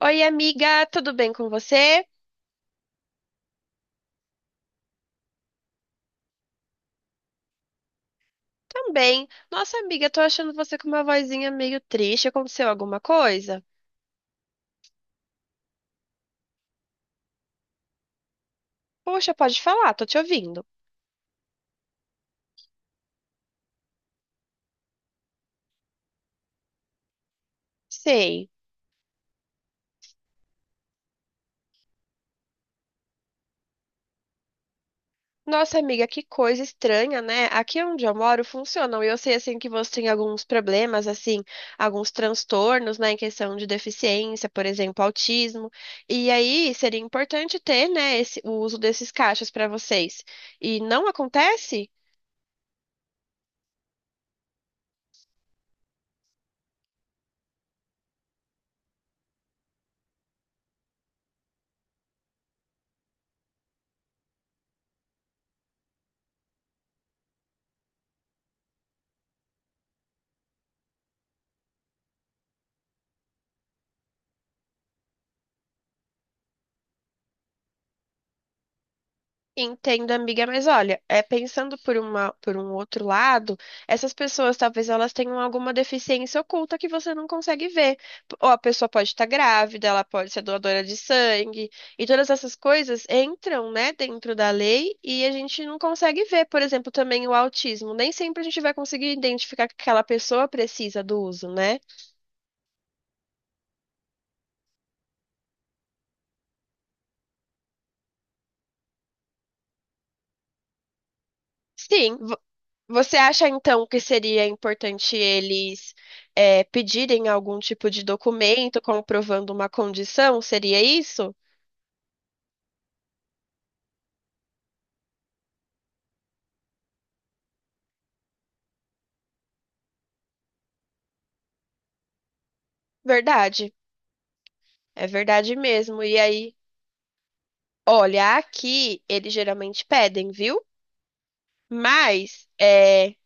Oi, amiga, tudo bem com você? Também. Nossa, amiga, tô achando você com uma vozinha meio triste. Aconteceu alguma coisa? Poxa, pode falar, tô te ouvindo. Sei. Nossa, amiga, que coisa estranha, né? Aqui onde eu moro funcionam. E eu sei, assim, que você tem alguns problemas, assim, alguns transtornos, né, em questão de deficiência, por exemplo, autismo. E aí seria importante ter, né, o uso desses caixas pra vocês. E não acontece? Entendo, amiga, mas olha, pensando por um outro lado, essas pessoas talvez elas tenham alguma deficiência oculta que você não consegue ver. Ou a pessoa pode estar grávida, ela pode ser doadora de sangue, e todas essas coisas entram, né, dentro da lei e a gente não consegue ver. Por exemplo, também o autismo. Nem sempre a gente vai conseguir identificar que aquela pessoa precisa do uso, né? Sim, você acha então que seria importante eles pedirem algum tipo de documento comprovando uma condição? Seria isso? Verdade, é verdade mesmo. E aí, olha, aqui eles geralmente pedem, viu? Mas eh,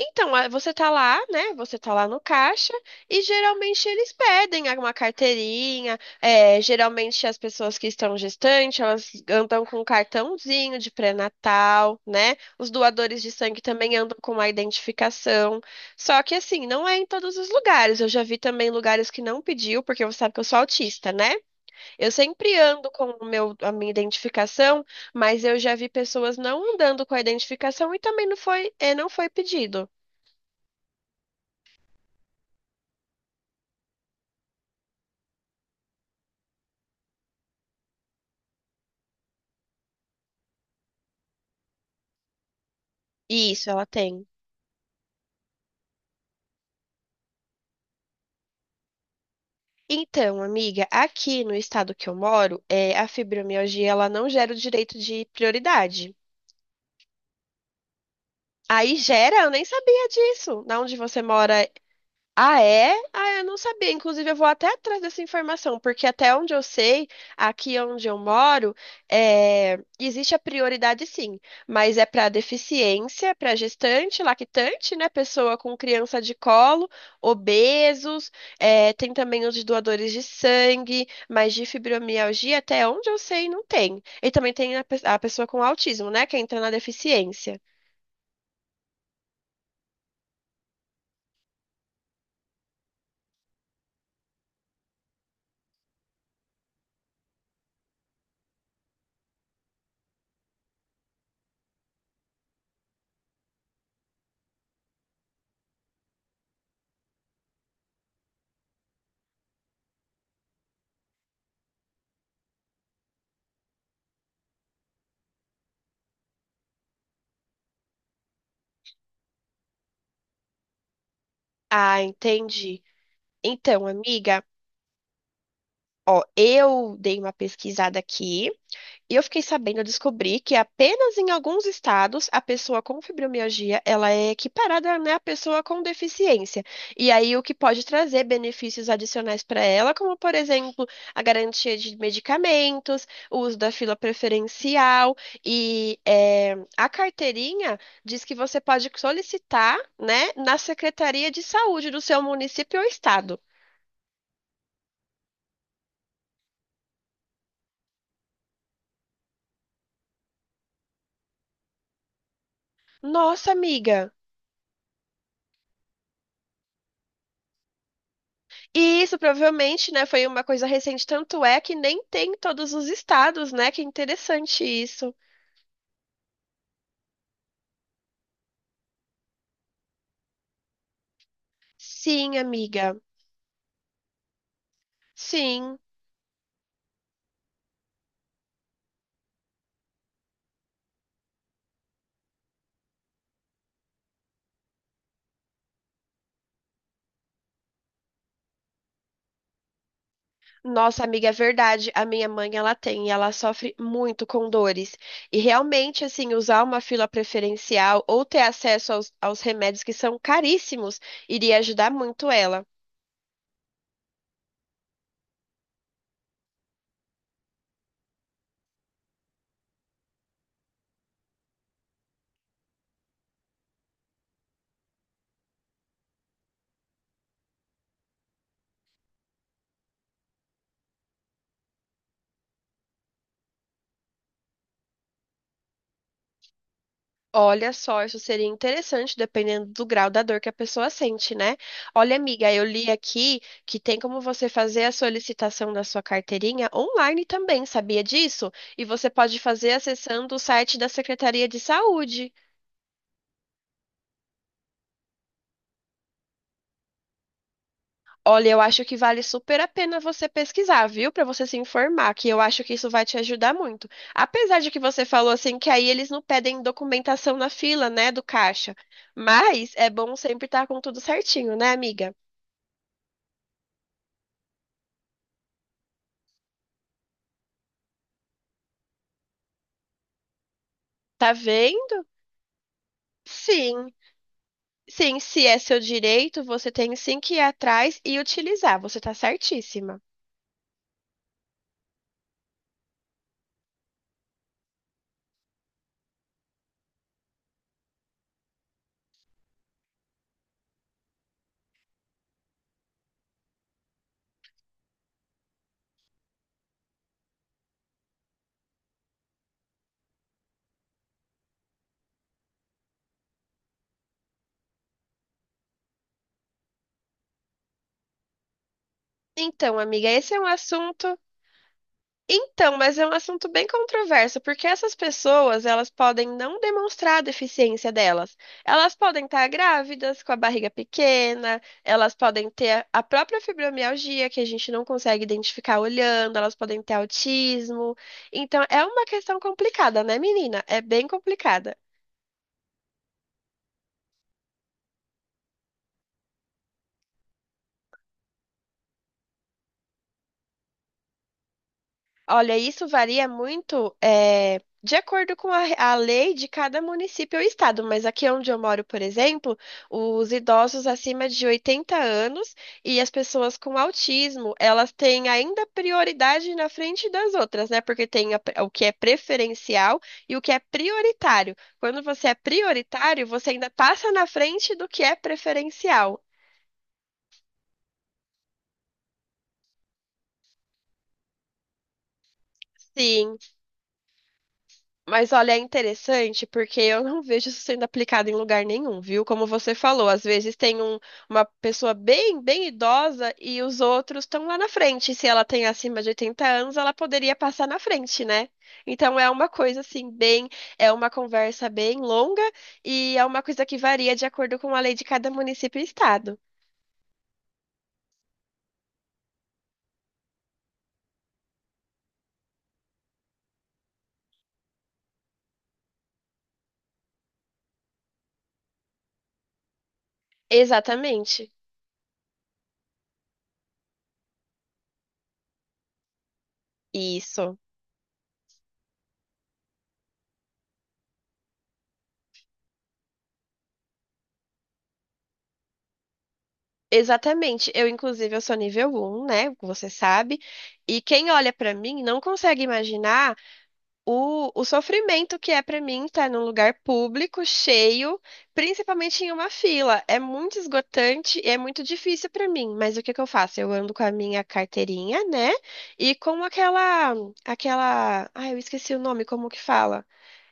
Então, você tá lá, né? Você tá lá no caixa e geralmente eles pedem alguma carteirinha. Geralmente as pessoas que estão gestantes, elas andam com um cartãozinho de pré-natal, né? Os doadores de sangue também andam com a identificação. Só que assim, não é em todos os lugares. Eu já vi também lugares que não pediu, porque você sabe que eu sou autista, né? Eu sempre ando com a minha identificação, mas eu já vi pessoas não andando com a identificação e também não foi pedido. Isso, ela tem. Então, amiga, aqui no estado que eu moro, a fibromialgia ela não gera o direito de prioridade. Aí gera, eu nem sabia disso. Na onde você mora. Ah, é? Ah, eu não sabia. Inclusive, eu vou até atrás dessa informação, porque até onde eu sei, aqui onde eu moro, existe a prioridade sim, mas é para deficiência, para gestante, lactante, né? Pessoa com criança de colo, obesos, tem também os de doadores de sangue, mas de fibromialgia, até onde eu sei, não tem. E também tem a pessoa com autismo, né? Que entra na deficiência. Ah, entendi. Então, amiga. Ó, eu dei uma pesquisada aqui e eu fiquei sabendo, eu descobri que apenas em alguns estados a pessoa com fibromialgia, ela é equiparada, né, à pessoa com deficiência. E aí o que pode trazer benefícios adicionais para ela, como por exemplo, a garantia de medicamentos, o uso da fila preferencial e a carteirinha diz que você pode solicitar, né, na Secretaria de Saúde do seu município ou estado. Nossa, amiga. E isso provavelmente, né, foi uma coisa recente, tanto é que nem tem em todos os estados, né? Que é interessante isso. Sim, amiga. Sim. Nossa, amiga, é verdade. A minha mãe, ela tem, e ela sofre muito com dores. E realmente, assim, usar uma fila preferencial ou ter acesso aos remédios que são caríssimos iria ajudar muito ela. Olha só, isso seria interessante, dependendo do grau da dor que a pessoa sente, né? Olha, amiga, eu li aqui que tem como você fazer a solicitação da sua carteirinha online também, sabia disso? E você pode fazer acessando o site da Secretaria de Saúde. Olha, eu acho que vale super a pena você pesquisar, viu? Para você se informar, que eu acho que isso vai te ajudar muito. Apesar de que você falou assim que aí eles não pedem documentação na fila, né, do caixa. Mas é bom sempre estar com tudo certinho, né, amiga? Tá vendo? Sim. Sim, se é seu direito, você tem sim que ir atrás e utilizar. Você tá certíssima. Então, amiga, esse é um assunto. Então, mas é um assunto bem controverso, porque essas pessoas, elas podem não demonstrar a deficiência delas. Elas podem estar grávidas, com a barriga pequena, elas podem ter a própria fibromialgia, que a gente não consegue identificar olhando, elas podem ter autismo. Então, é uma questão complicada, né, menina? É bem complicada. Olha, isso varia muito, de acordo com a lei de cada município ou estado, mas aqui onde eu moro, por exemplo, os idosos acima de 80 anos e as pessoas com autismo, elas têm ainda prioridade na frente das outras, né? Porque tem o que é preferencial e o que é prioritário. Quando você é prioritário, você ainda passa na frente do que é preferencial. Sim. Mas olha, é interessante porque eu não vejo isso sendo aplicado em lugar nenhum, viu? Como você falou, às vezes tem uma pessoa bem, bem idosa e os outros estão lá na frente. Se ela tem acima de 80 anos, ela poderia passar na frente, né? Então é uma coisa assim, bem, é uma conversa bem longa e é uma coisa que varia de acordo com a lei de cada município e estado. Exatamente. Isso. Exatamente. Eu, inclusive, eu sou nível um, né? Como você sabe. E quem olha pra mim não consegue imaginar o sofrimento que é pra mim estar num lugar público, cheio, principalmente em uma fila. É muito esgotante e é muito difícil pra mim. Mas o que que eu faço? Eu ando com a minha carteirinha, né? E com aquela, ai, eu esqueci o nome, como que fala?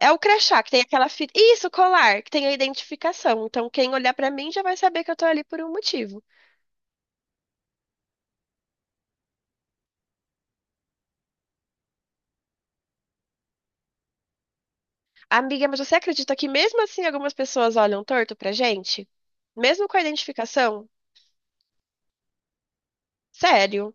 É o crachá, que tem aquela fita. Isso, colar, que tem a identificação. Então, quem olhar pra mim já vai saber que eu tô ali por um motivo. Amiga, mas você acredita que mesmo assim algumas pessoas olham torto pra gente? Mesmo com a identificação? Sério?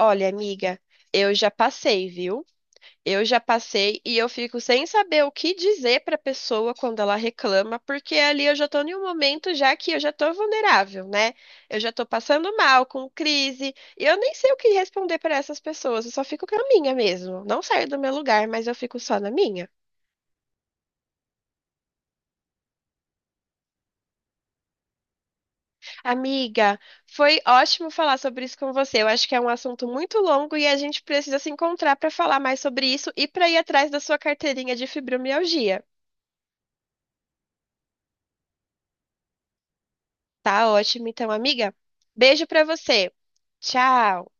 Olha, amiga, eu já passei, viu? Eu já passei e eu fico sem saber o que dizer pra pessoa quando ela reclama, porque ali eu já tô em um momento já que eu já tô vulnerável, né? Eu já tô passando mal, com crise, e eu nem sei o que responder pra essas pessoas, eu só fico com a minha mesmo. Não saio do meu lugar, mas eu fico só na minha. Amiga, foi ótimo falar sobre isso com você. Eu acho que é um assunto muito longo e a gente precisa se encontrar para falar mais sobre isso e para ir atrás da sua carteirinha de fibromialgia. Tá ótimo, então, amiga. Beijo para você. Tchau.